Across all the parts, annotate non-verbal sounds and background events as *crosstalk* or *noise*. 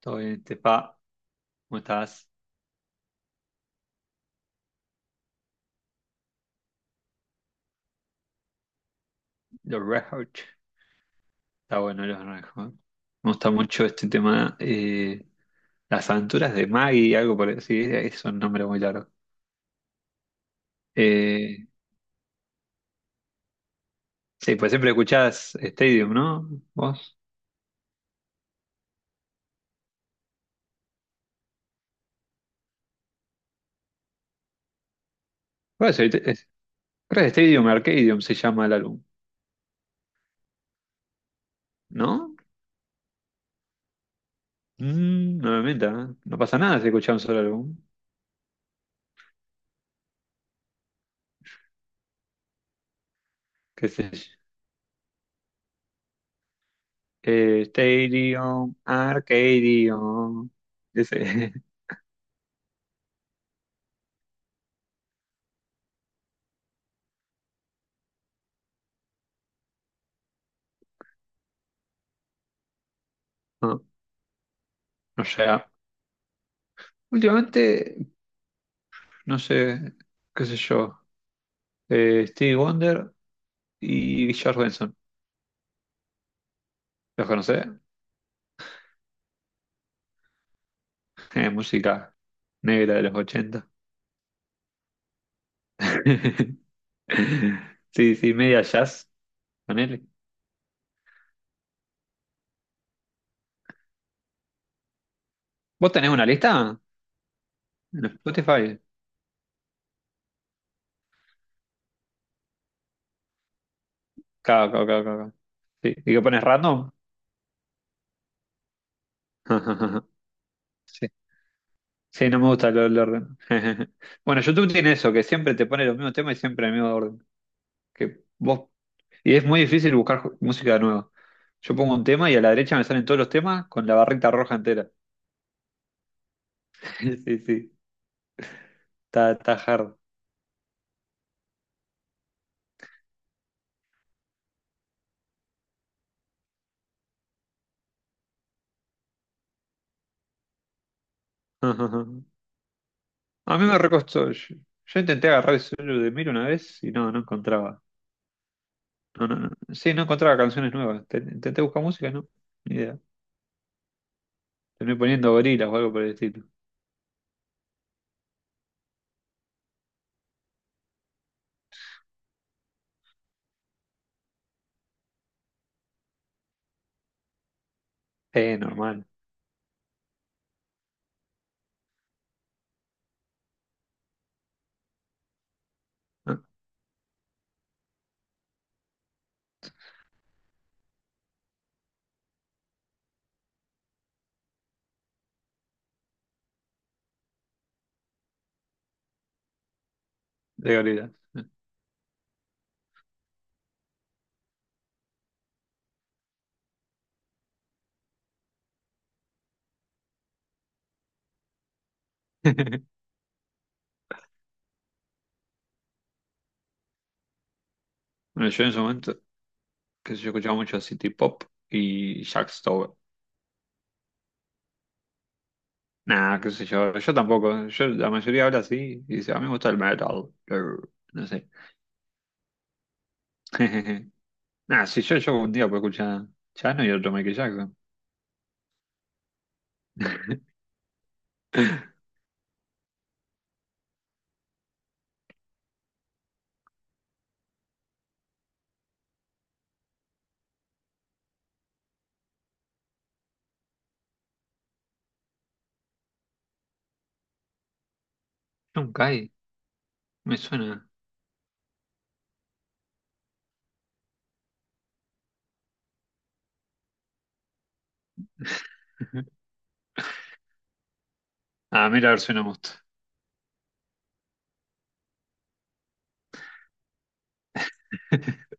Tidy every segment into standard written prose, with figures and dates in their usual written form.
Todo bien, Tepa, ¿cómo estás? Los Red Hot. Está bueno los Red Hot. Me gusta mucho este tema. Las aventuras de Maggie, algo por así. Es un nombre muy largo. Eh, sí, pues siempre escuchás Stadium, ¿no? ¿Vos? Bueno, creo que Stadium Arcadium se llama el álbum, ¿no? Mm, no me mientas, ¿eh? No pasa nada si escuchás un solo álbum. ¿Qué sé yo? Stadium Arcadium. Ese. *laughs* No, no llega. Últimamente. No sé, qué sé yo. Stevie Wonder y George Benson. ¿Los conocés? Música negra de los ochenta. *laughs* Sí, sí, media jazz. Ponele. ¿Vos tenés una lista? En Spotify. Claro, claro, claro, claro. Sí. ¿Y qué pones random? *laughs* Sí. Sí, no me gusta el orden. *laughs* Bueno, YouTube tiene eso, que siempre te pone los mismos temas y siempre el mismo orden. Que vos... Y es muy difícil buscar música nueva. Yo pongo un tema y a la derecha me salen todos los temas con la barrita roja entera. *laughs* Sí, sí, está, está hard. *laughs* A mí me recostó. Yo intenté agarrar el solo de Miro una vez y no, no encontraba. No, no, no. Sí, no encontraba canciones nuevas. Intenté buscar música, no. Ni idea. Terminé poniendo gorilas o algo por el estilo. Normal. ¿No? De gorilas. *laughs* Bueno, yo en ese momento, que sé yo escuchaba mucho City Pop y Jack Stover. Nah, qué sé yo, yo tampoco. Yo, la mayoría habla así y dice, a mí me gusta el metal. Grr, no sé. *laughs* Nah, si yo un día puedo escuchar Chano y otro Michael Jackson. *laughs* John Kay, me suena. *laughs* Ah, mira, a ver si no me gusta. *laughs*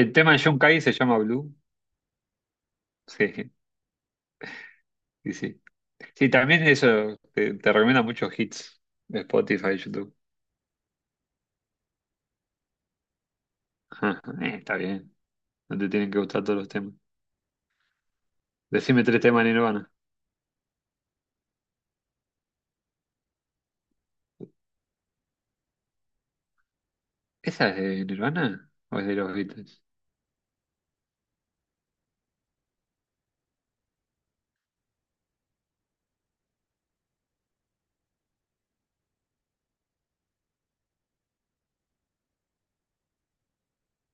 El tema de John Kay se llama Blue. Sí, *laughs* sí, sí. Sí, también eso te, te recomienda muchos hits de Spotify y YouTube. *laughs* Está bien, no te tienen que gustar todos los temas. Decime tres temas de Nirvana. ¿Esa es de Nirvana o es de los Beatles?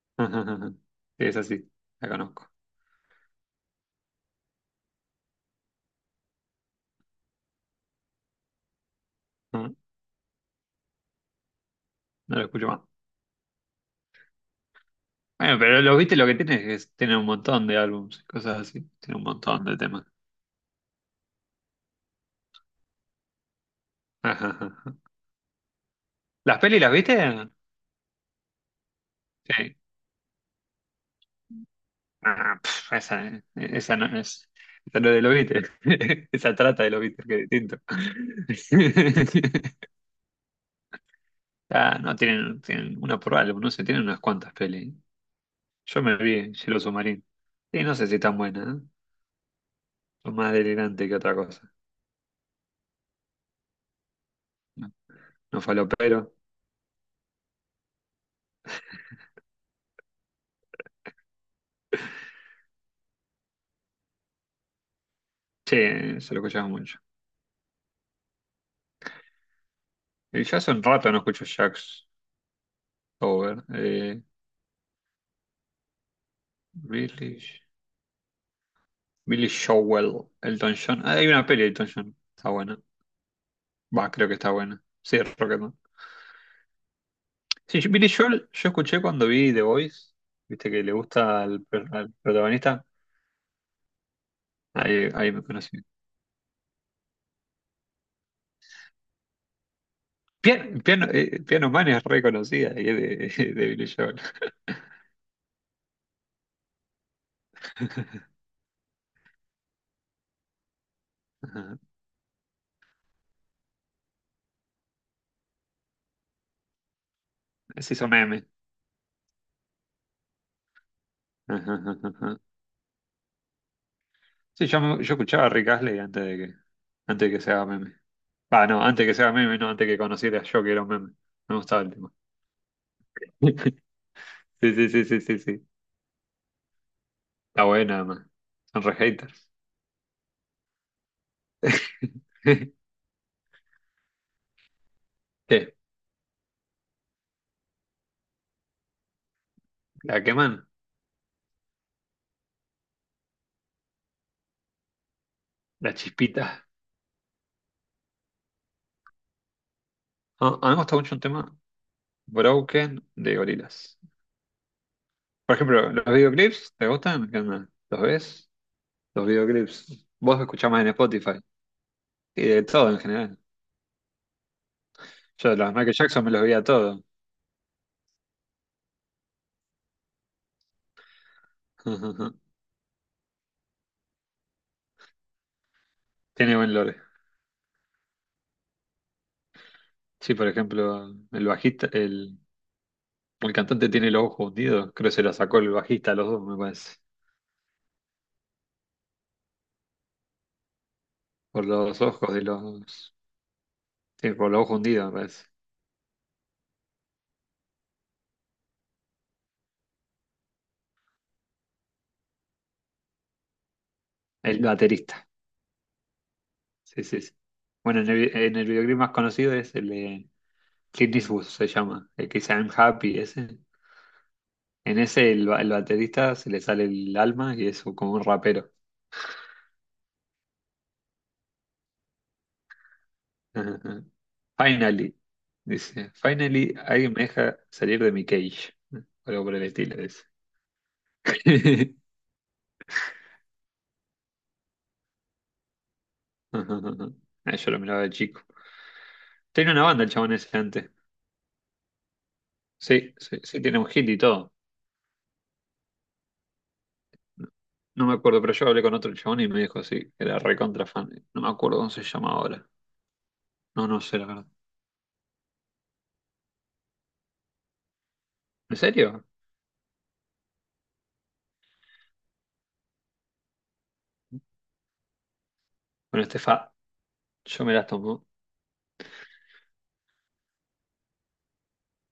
*laughs* Ajá, ajá. Sí, es así, la conozco. No, no la escucho más. Bueno, pero los viste lo que tiene es que tienen un montón de álbumes y cosas así. Tiene un montón de temas. *laughs* Ajá, ajá, ajá. ¿Las pelis las viste? Sí. Ah, pf, esa no es. Esa no es de los Beatles. *laughs* Esa trata de los Beatles, que es distinto. *laughs* Ah, no, tienen, tienen una por álbum, no sé, tienen unas cuantas pelis. Yo me vi Cielo Submarino. Y no sé si tan buena, ¿eh? Son más delirante que otra cosa. No, no falopero. Sí, se lo escuchaba mucho. Y ya hace un rato no escucho Jax Over. Billy, Billy Joel, Elton John. Ah, hay una peli de Elton John. Está buena. Va, creo que está buena. Sí, Rocketman. Sí, Billy Joel yo escuché cuando vi The Voice. Viste que le gusta al, al protagonista. Ahí, ahí me conocí. Piano, Piano Man es reconocida y es de, *laughs* de Billy Joel. *laughs* Ajá. Se hizo meme. Ajá, ajá, ajá. Sí, yo escuchaba a Rick Astley antes de que, antes de que se haga meme. Ah, no, antes de que se haga meme, no, antes que conociera yo que era un meme. Me gustaba el tema. *laughs* Sí, sí, sí, sí, sí, sí. Está buena, man. Son re haters. *laughs* ¿Qué? ¿La queman? ¿La chispita? Ah, a mí me gusta mucho un tema, Broken, de Gorillaz. Por ejemplo, ¿los videoclips te gustan? ¿Qué onda? ¿Los ves? Los videoclips. Vos escuchás más en Spotify. Y de todo en general. Yo de los Michael Jackson me los veía todo. *laughs* Tiene buen lore. Sí, por ejemplo, el bajista, el... El cantante tiene los ojos hundidos, creo que se la sacó el bajista a los dos, me parece. Por los ojos de los. Sí, por los ojos hundidos, me parece. El baterista. Sí, sí, sí. Bueno, en el videoclip más conocido es el de Clint Eastwood, se llama. El que dice I'm Happy, ese. En ese, el baterista se le sale el alma y es como un rapero. *laughs* Finally, dice. Finally, alguien me deja salir de mi cage. Algo por el estilo, dice. *laughs* Ah, yo lo miraba de chico. Tenía una banda el chabón ese antes. Sí, sí, sí, tiene un hit y todo. No, no me acuerdo, pero yo hablé con otro chabón y me dijo sí, que era recontra fan. No me acuerdo cómo se llama ahora. No, no sé, la verdad. ¿En serio? Bueno, Estefa, yo me las tomo.